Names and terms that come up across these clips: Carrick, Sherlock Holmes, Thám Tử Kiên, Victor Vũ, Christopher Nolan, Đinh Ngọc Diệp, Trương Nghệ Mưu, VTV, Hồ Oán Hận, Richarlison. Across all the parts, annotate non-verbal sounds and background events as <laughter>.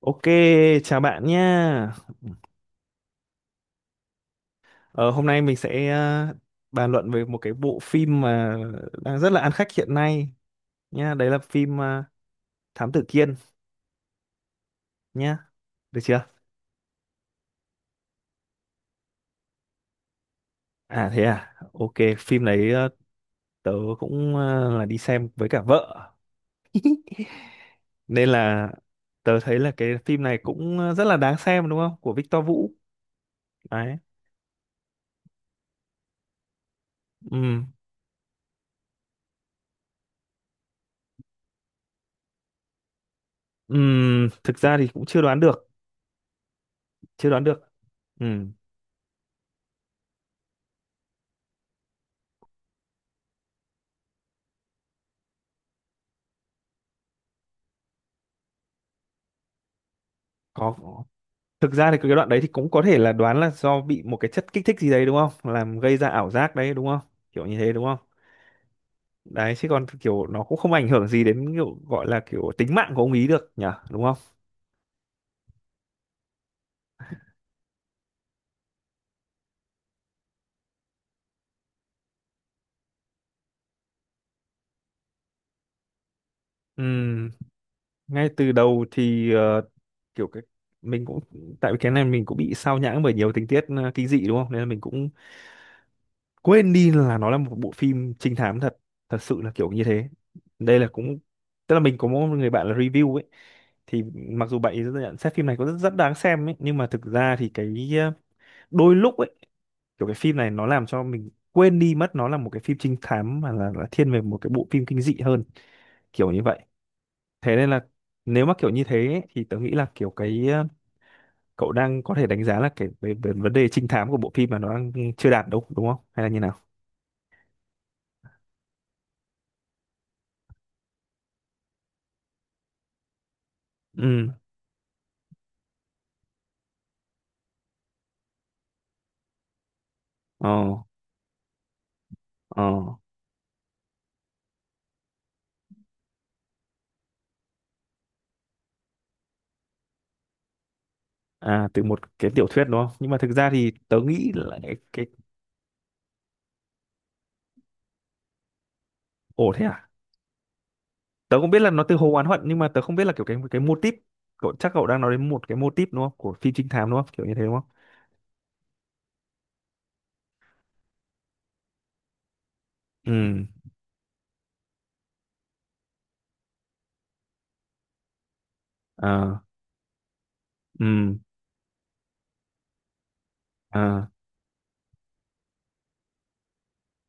Ok, chào bạn nha. Ờ, Hôm nay mình sẽ bàn luận về một cái bộ phim mà đang rất là ăn khách hiện nay nha. Đấy là phim Thám Tử Kiên nha. Được chưa? À, thế à. Ok, phim đấy tớ cũng là đi xem với cả vợ. Nên là tớ thấy là cái phim này cũng rất là đáng xem đúng không? Của Victor Vũ. Đấy. Ừm, Thực ra thì cũng chưa đoán được. Chưa đoán được. Ừm, Có. Thực ra thì cái đoạn đấy thì cũng có thể là đoán là do bị một cái chất kích thích gì đấy đúng không? Làm gây ra ảo giác đấy đúng không? Kiểu như thế đúng không? Đấy, chứ còn kiểu nó cũng không ảnh hưởng gì đến kiểu gọi là kiểu tính mạng của ông ý được nhỉ, đúng không? Ừm, Ngay từ đầu thì kiểu cái mình cũng, tại vì cái này mình cũng bị sao nhãng bởi nhiều tình tiết kinh dị đúng không? Nên là mình cũng quên đi là nó là một bộ phim trinh thám thật thật sự là kiểu như thế. Đây là cũng tức là mình có một người bạn là review ấy, thì mặc dù bạn ấy nhận xét phim này có rất, rất đáng xem ấy nhưng mà thực ra thì cái đôi lúc ấy kiểu cái phim này nó làm cho mình quên đi mất nó là một cái phim trinh thám mà là thiên về một cái bộ phim kinh dị hơn, kiểu như vậy. Thế nên là nếu mà kiểu như thế ấy, thì tớ nghĩ là kiểu cái cậu đang có thể đánh giá là cái về vấn đề trinh thám của bộ phim mà nó đang chưa đạt đâu đúng không, hay là như nào. Ừ. Ờ. Ờ. À, từ một cái tiểu thuyết đúng không? Nhưng mà thực ra thì tớ nghĩ là cái. Ồ, thế à? Tớ không biết là nó từ Hồ Oán Hận nhưng mà tớ không biết là kiểu cái mô típ, cậu chắc cậu đang nói đến một cái mô típ đúng không? Của phim trinh thám đúng không? Kiểu như thế đúng không? Ừ. Ờ. Ừ. Ờ.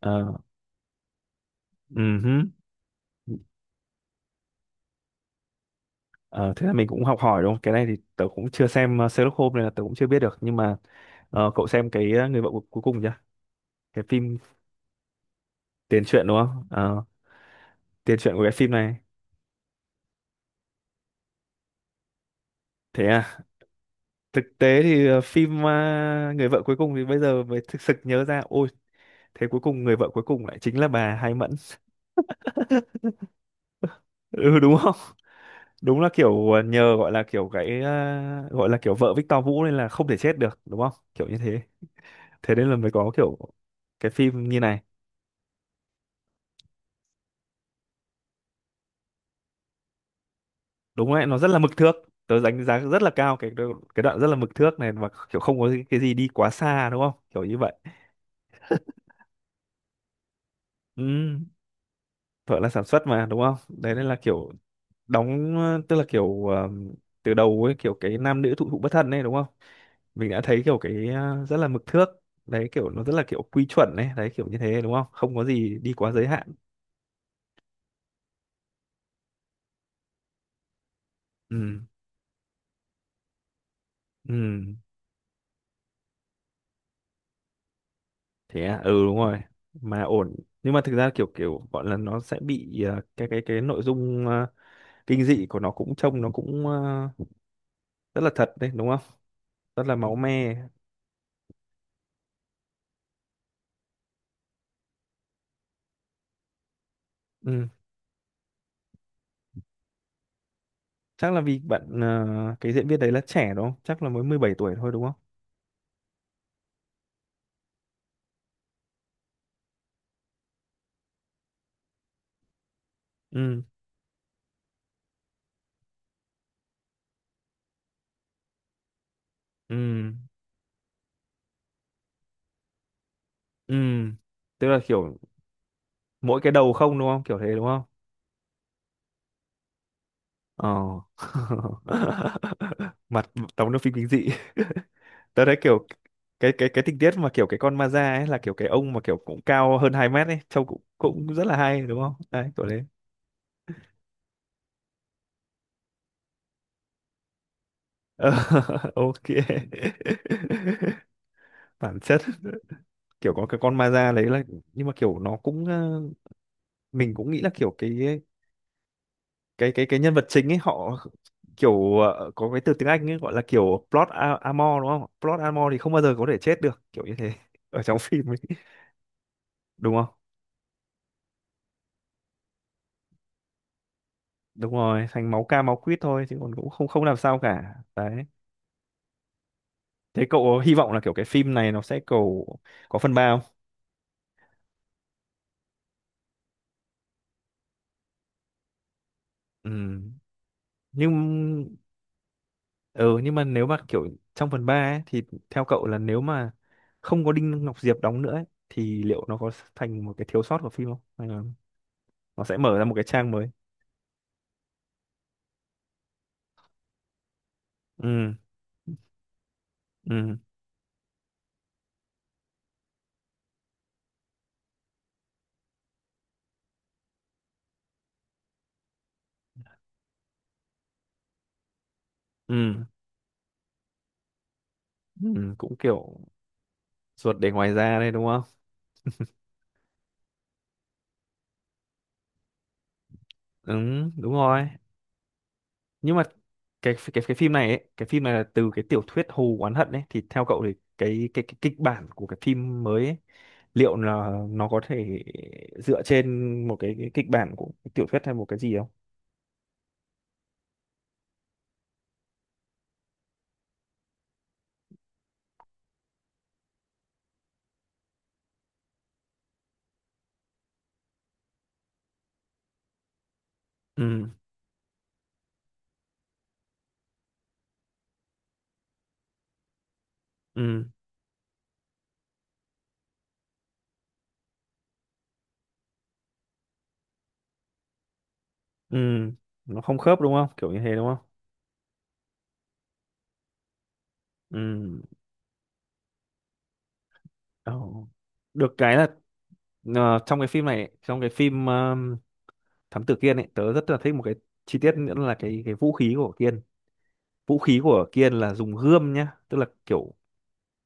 Ờ. Ừ hứ. Ờ, thế là mình cũng học hỏi đúng không? Cái này thì tớ cũng chưa xem Sherlock Holmes nên là tớ cũng chưa biết được nhưng mà cậu xem cái người vợ cuối cùng chưa? Cái phim tiền truyện đúng không? Ờ, tiền truyện của cái phim này. Thế à? Thực tế thì phim người vợ cuối cùng thì bây giờ mới thực sự nhớ ra, ôi thế cuối cùng người vợ cuối cùng lại chính là bà Hai Mẫn <laughs> ừ, đúng không. Đúng là kiểu nhờ gọi là kiểu cái gọi là kiểu vợ Victor Vũ nên là không thể chết được đúng không, kiểu như thế. Thế nên là mới có kiểu cái phim như này. Đúng đấy, nó rất là mực thước. Tớ đánh giá rất là cao cái đoạn rất là mực thước này, và kiểu không có cái gì đi quá xa đúng không kiểu như vậy. Ừ. Vợ là sản xuất mà đúng không, đấy nên là kiểu đóng tức là kiểu từ đầu ấy kiểu cái nam nữ thụ thụ bất thân ấy đúng không, mình đã thấy kiểu cái rất là mực thước. Đấy kiểu nó rất là kiểu quy chuẩn ấy đấy kiểu như thế đúng không, không có gì đi quá giới hạn. Ừ. Ừ. Thế à, ừ, đúng rồi. Mà ổn, nhưng mà thực ra kiểu kiểu gọi là nó sẽ bị cái cái nội dung kinh dị của nó cũng trông nó cũng rất là thật đấy đúng không, rất là máu me. Ừ, chắc là vì bạn cái diễn viên đấy là trẻ đúng không, chắc là mới 17 tuổi thôi đúng không. Ừ. Ừ. Ừ, tức là kiểu mỗi cái đầu không đúng không? Kiểu thế đúng không? Ờ. <laughs> Mặt đóng trong phim kinh dị. <laughs> Tớ thấy kiểu cái cái tình tiết mà kiểu cái con ma da ấy là kiểu cái ông mà kiểu cũng cao hơn 2 mét ấy, trông cũng cũng rất là hay đúng không? Đấy, kiểu thế. Ờ, <laughs> ok. <laughs> Bản chất kiểu có cái con ma da đấy là, nhưng mà kiểu nó cũng mình cũng nghĩ là kiểu cái cái nhân vật chính ấy họ kiểu có cái từ tiếng Anh ấy gọi là kiểu plot armor đúng không? Plot armor thì không bao giờ có thể chết được, kiểu như thế <laughs> ở trong phim ấy, đúng không? Đúng rồi, thành máu ca máu quýt thôi chứ còn cũng không không làm sao cả. Đấy. Thế cậu có hy vọng là kiểu cái phim này nó sẽ cầu có phần 3 không? Ừ. Nhưng ừ nhưng mà nếu mà kiểu trong phần 3 ấy thì theo cậu là nếu mà không có Đinh Ngọc Diệp đóng nữa ấy, thì liệu nó có thành một cái thiếu sót của phim không? Hay là nó sẽ mở ra một cái trang mới? Ừ. Ừ. Ừ. Ừ, cũng kiểu ruột để ngoài da đây đúng không? Ừ, đúng rồi. Nhưng mà cái phim này ấy, cái phim này là từ cái tiểu thuyết Hù Oán Hận ấy thì theo cậu thì cái kịch bản của cái phim mới ấy, liệu là nó có thể dựa trên một cái kịch bản của cái tiểu thuyết hay một cái gì không? Ừ. Ừ. Ừ, nó không khớp đúng không? Kiểu như thế đúng không? Ừ. Ồ. Được cái là trong cái phim này, trong cái phim thám tử Kiên ấy tớ rất là thích một cái chi tiết nữa là cái vũ khí của Kiên. Vũ khí của Kiên là dùng gươm nhá, tức là kiểu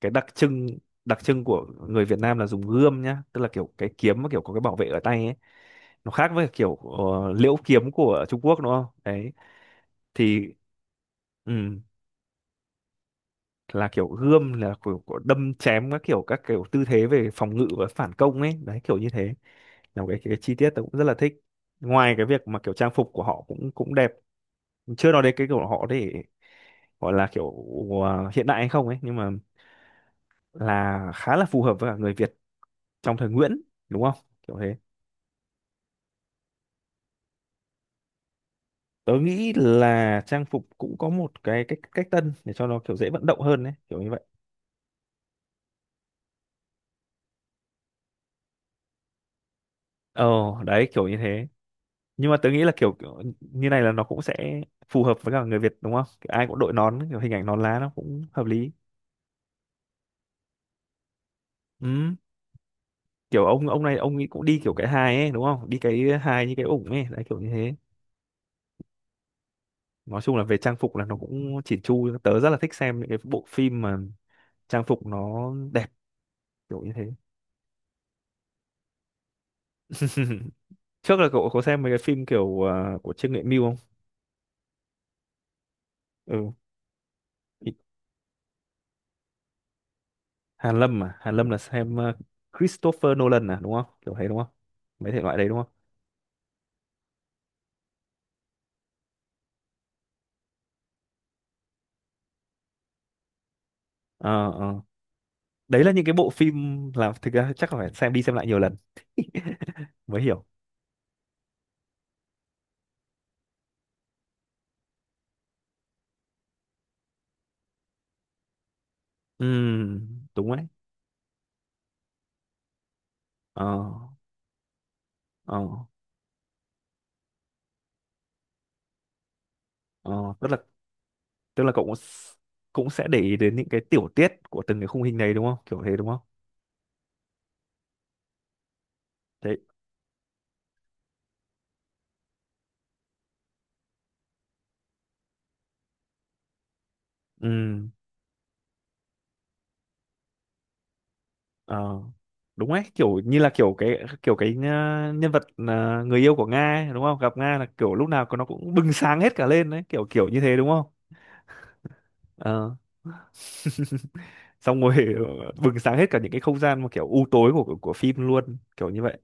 cái đặc trưng của người Việt Nam là dùng gươm nhá, tức là kiểu cái kiếm mà kiểu có cái bảo vệ ở tay ấy, nó khác với kiểu liễu kiếm của Trung Quốc đúng không. Đấy thì ừ, là kiểu gươm là kiểu đâm chém các kiểu tư thế về phòng ngự và phản công ấy đấy kiểu như thế, là một cái chi tiết tôi cũng rất là thích, ngoài cái việc mà kiểu trang phục của họ cũng cũng đẹp, chưa nói đến cái kiểu họ để gọi là kiểu hiện đại hay không ấy nhưng mà là khá là phù hợp với cả người Việt trong thời Nguyễn đúng không kiểu thế. Tớ nghĩ là trang phục cũng có một cái cách cách tân để cho nó kiểu dễ vận động hơn đấy kiểu như vậy. Ờ, đấy kiểu như thế, nhưng mà tớ nghĩ là kiểu như này là nó cũng sẽ phù hợp với cả người Việt đúng không, kiểu ai cũng đội nón kiểu hình ảnh nón lá nó cũng hợp lý. Ừ, kiểu ông này ông ấy cũng đi kiểu cái hài ấy đúng không, đi cái hài như cái ủng ấy đấy kiểu như thế. Nói chung là về trang phục là nó cũng chỉn chu, tớ rất là thích xem những cái bộ phim mà trang phục nó đẹp kiểu như thế. <laughs> Trước là cậu có xem mấy cái phim kiểu của Trương Nghệ Mưu không? Ừ. Ý- Hàn Lâm à? Hàn Lâm là xem Christopher Nolan à đúng không kiểu thế đúng không, mấy thể loại đấy đúng không. Ờ. Ờ. Đấy là những cái bộ phim, là thực ra chắc là phải xem đi xem lại nhiều lần <laughs> mới hiểu. Ừ, đúng đấy. Ờ. Ờ. Ờ. Tức là cậu cũng cũng sẽ để ý đến những cái tiểu tiết của từng cái khung hình đấy đúng không kiểu thế đúng không? Thế. Ừ. Ờ, đúng đấy, kiểu như là kiểu cái nhân vật người yêu của Nga ấy, đúng không, gặp Nga là kiểu lúc nào nó cũng bừng sáng hết cả lên đấy kiểu kiểu như thế đúng không. Ờ. <laughs> Xong rồi bừng sáng hết cả những cái không gian mà kiểu u tối của phim luôn kiểu như vậy.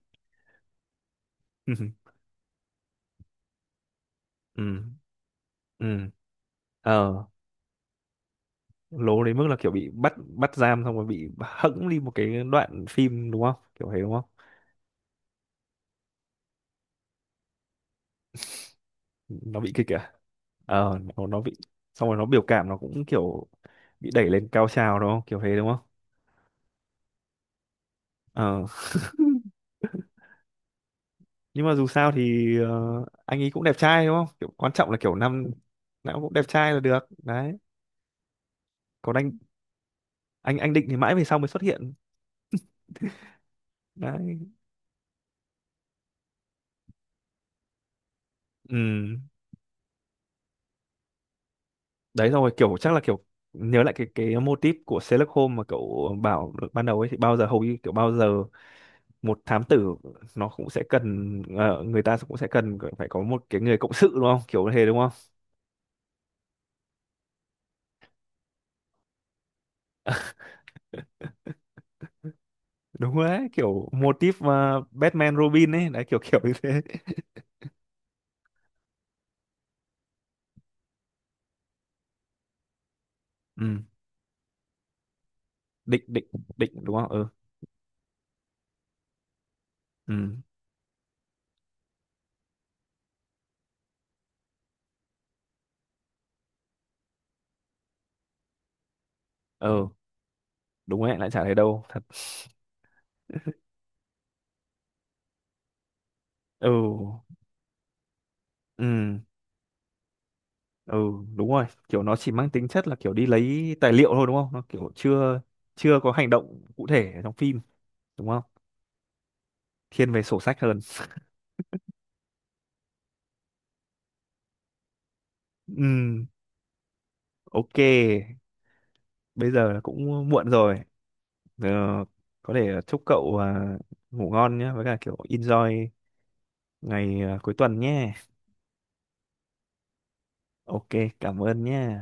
<laughs> Ừ. Ừ. Ờ, lố đến mức là kiểu bị bắt bắt giam xong rồi bị hẫng đi một cái đoạn phim đúng không kiểu thế đúng không. Nó bị kích à? Ờ, nó bị, xong rồi nó biểu cảm nó cũng kiểu bị đẩy lên cao trào đúng không kiểu thế đúng không. Ờ. <laughs> Nhưng mà dù sao thì anh ấy cũng đẹp trai đúng không, kiểu quan trọng là kiểu năm nào cũng đẹp trai là được đấy. Còn anh anh Định thì mãi về sau mới xuất hiện. Đấy. Ừ, đấy xong rồi kiểu chắc là kiểu nhớ lại cái mô típ của Sherlock Holmes mà cậu bảo được ban đầu ấy, thì bao giờ hầu như kiểu bao giờ một thám tử nó cũng sẽ cần người ta cũng sẽ cần phải có một cái người cộng sự đúng không kiểu thế đúng không. Đúng đấy, kiểu mô típ mà Batman Robin ấy đấy kiểu <laughs> kiểu như thế. Ừ. định định định đúng không. Ừ. Ừ. Ừ, đúng đấy, lại chả thấy đâu thật. Ừ. Ừ. Ừ, đúng rồi kiểu nó chỉ mang tính chất là kiểu đi lấy tài liệu thôi đúng không, nó kiểu chưa chưa có hành động cụ thể ở trong phim đúng không, thiên về sổ sách hơn. Ừ, ok, bây giờ là cũng muộn rồi. Ờ, có thể chúc cậu à, ngủ ngon nhé với cả kiểu enjoy ngày à, cuối tuần nhé. Ok, cảm ơn nhé.